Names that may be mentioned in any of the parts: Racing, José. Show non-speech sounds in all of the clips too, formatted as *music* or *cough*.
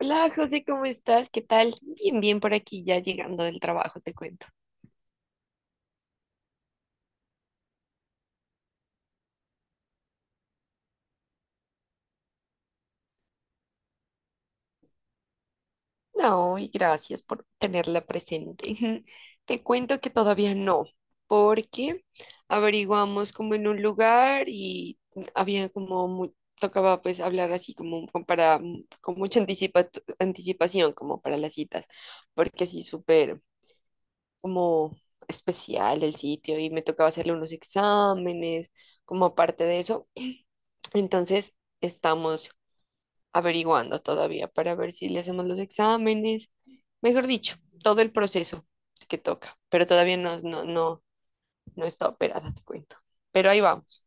Hola José, ¿cómo estás? ¿Qué tal? Bien, bien por aquí, ya llegando del trabajo, te cuento. No, y gracias por tenerla presente. *laughs* Te cuento que todavía no, porque averiguamos como en un lugar y había como, tocaba pues hablar así como para, con mucha anticipación como para las citas, porque sí, súper como especial el sitio y me tocaba hacerle unos exámenes como aparte de eso. Entonces, estamos averiguando todavía para ver si le hacemos los exámenes, mejor dicho, todo el proceso que toca, pero todavía no está operada, te cuento. Pero ahí vamos.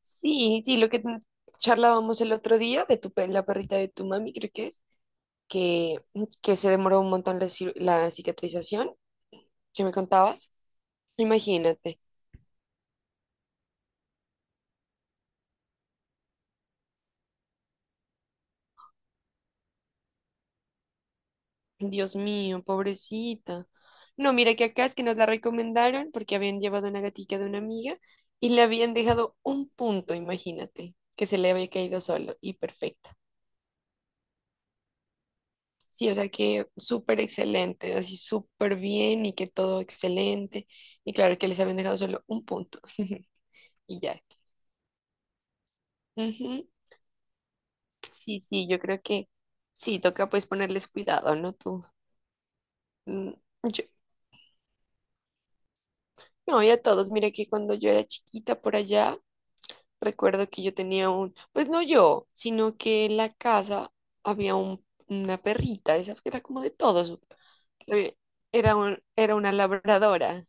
Sí, sí, lo que charlábamos el otro día de la perrita de tu mami, creo que es, que, que se demoró un montón la, la cicatrización que me contabas. Imagínate. Dios mío, pobrecita. No, mira que acá es que nos la recomendaron porque habían llevado una gatica de una amiga y le habían dejado un punto, imagínate, que se le había caído solo y perfecta. Sí, o sea que súper excelente, así súper bien y que todo excelente. Y claro que les habían dejado solo un punto *laughs* y ya. Ujú. Sí, sí, yo creo que sí, toca pues ponerles cuidado, ¿no? Tú, mm, yo- no, y a todos, mira que cuando yo era chiquita por allá, recuerdo que yo tenía un, pues no yo, sino que en la casa había una perrita, esa que era como de todos. eh, Era un, era una labradora,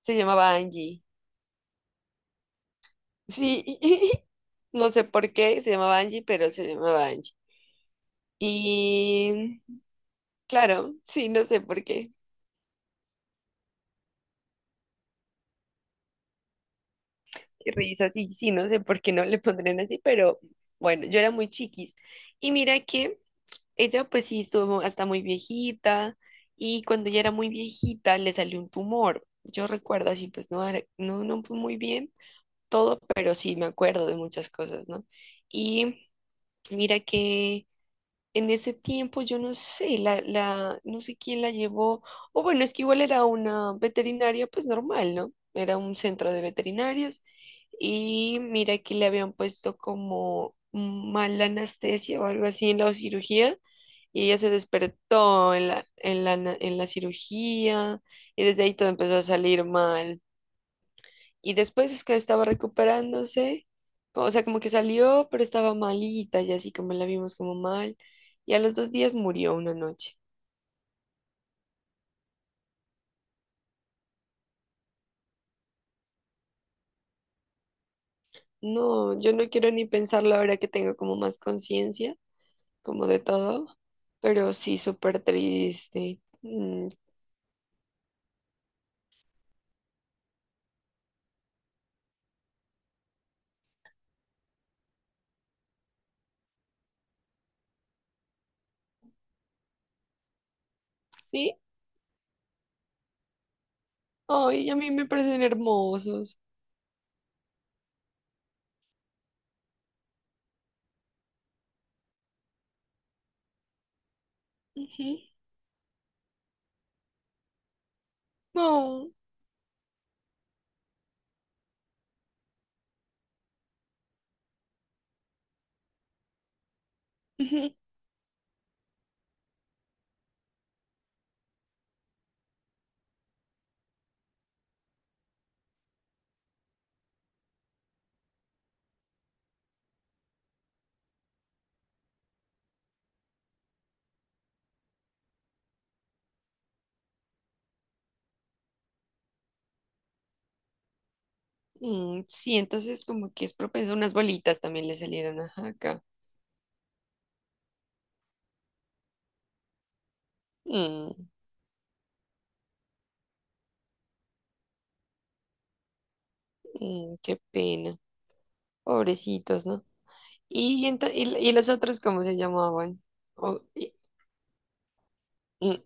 se llamaba Angie. Sí, *laughs* no sé por qué se llamaba Angie, pero se llamaba Angie. Y claro, sí, no sé por qué. Qué risa, sí, sí, no sé por qué no le pondrían así, pero bueno, yo era muy chiquis. Y mira que ella pues sí estuvo hasta muy viejita y cuando ella era muy viejita le salió un tumor. Yo recuerdo así, pues no, no, no fue muy bien todo, pero sí me acuerdo de muchas cosas, ¿no? Y mira que en ese tiempo yo no sé, no sé quién la llevó, o bueno, es que igual era una veterinaria pues normal, ¿no? Era un centro de veterinarios y mira que le habían puesto como mala anestesia o algo así en la cirugía y ella se despertó en la cirugía y desde ahí todo empezó a salir mal. Y después es que estaba recuperándose, o sea, como que salió, pero estaba malita y así como la vimos como mal. Y a los dos días murió una noche. No, yo no quiero ni pensarlo ahora que tengo como más conciencia, como de todo, pero sí, súper triste. Mm, sí, ay, a mí me parecen hermosos. Ujú. No. *laughs* Mm, sí, entonces como que es propenso, unas bolitas también le salieron ajá, acá. Mm, mm, qué pena, pobrecitos, ¿no? ¿Y, y los otros cómo se llamaban? O- y- mm,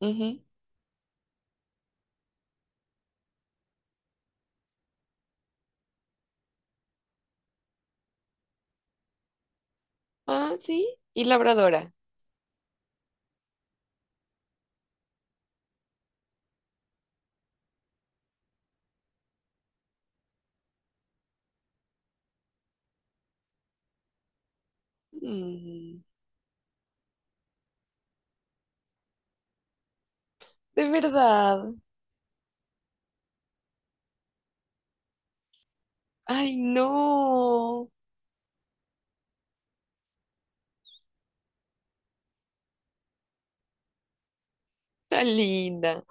ujú. Ah, sí, y labradora. Mm, de verdad. Ay, no, tan linda.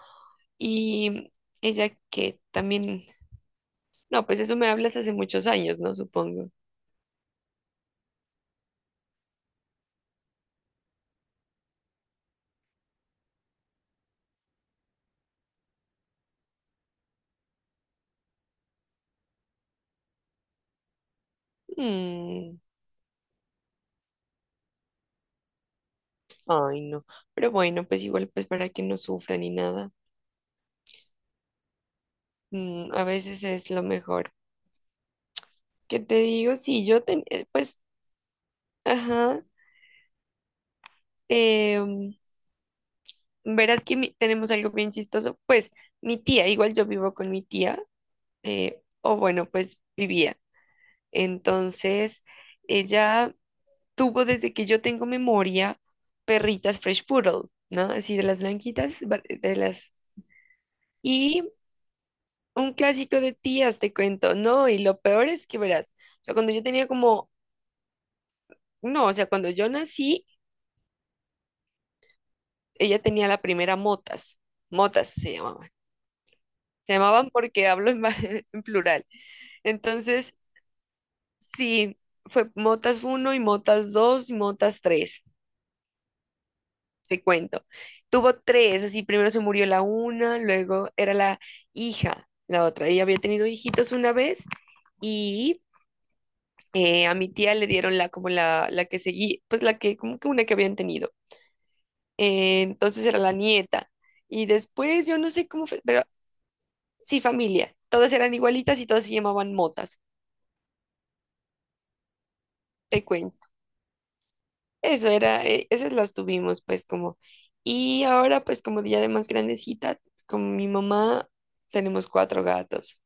Y ella que también, no, pues eso me hablas hace muchos años, ¿no? Supongo. Mm, ay, no. Pero bueno, pues igual, pues para que no sufra ni nada. Mm, a veces es lo mejor. ¿Qué te digo? Sí, yo, pues, ajá. eh, mm, verás que tenemos algo bien chistoso. Pues mi tía, igual yo vivo con mi tía, o bueno, pues vivía. Entonces, ella tuvo desde que yo tengo memoria perritas Fresh Poodle, ¿no? Así de las blanquitas, de las... Un clásico de tías, te cuento, no, y lo peor es que verás, o sea, cuando yo tenía como, no, o sea, cuando yo nací, ella tenía la primera motas, motas se llamaban porque hablo en, *laughs* en plural, entonces, sí, fue motas uno y motas 2 y motas 3 te cuento, tuvo tres, así, primero se murió la una, luego era la hija, la otra, ella había tenido hijitos una vez, y a mi tía le dieron la como la que seguí, pues la que, como que una que habían tenido. Entonces era la nieta. Y después yo no sé cómo fue, pero sí, familia. Todas eran igualitas y todas se llamaban motas, te cuento. Eso era, esas las tuvimos pues como. Y ahora pues como ya de más grandecita, con mi mamá tenemos cuatro gatos.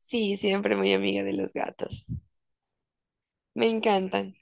Sí, siempre muy amiga de los gatos. Me encantan.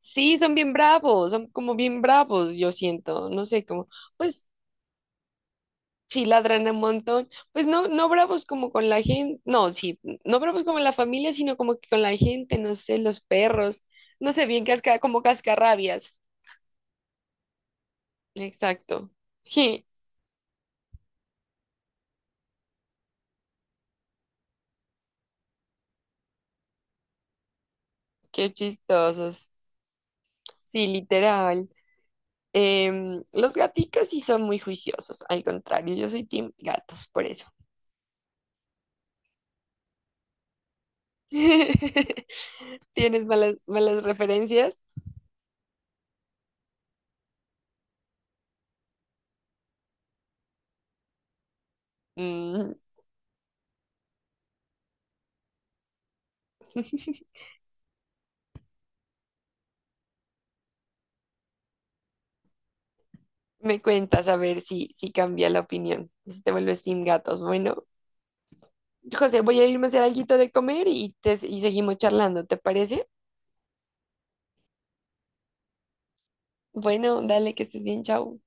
Sí, son bien bravos, son como bien bravos, yo siento. No sé, como, pues sí, ladran un montón. Pues no, no bravos como con la gente, no, sí, no bravos como la familia, sino como que con la gente, no sé, los perros, no sé, bien como cascarrabias. Exacto. Je, qué chistosos. Sí, literal. Em, los gaticos sí son muy juiciosos, al contrario, yo soy team gatos, por eso. *laughs* ¿Tienes malas referencias? Mm, me cuentas a ver si, si cambia la opinión, si te vuelves team gatos, bueno. José, voy a irme a hacer algo de comer y seguimos charlando, ¿te parece? Bueno, dale, que estés bien, chao.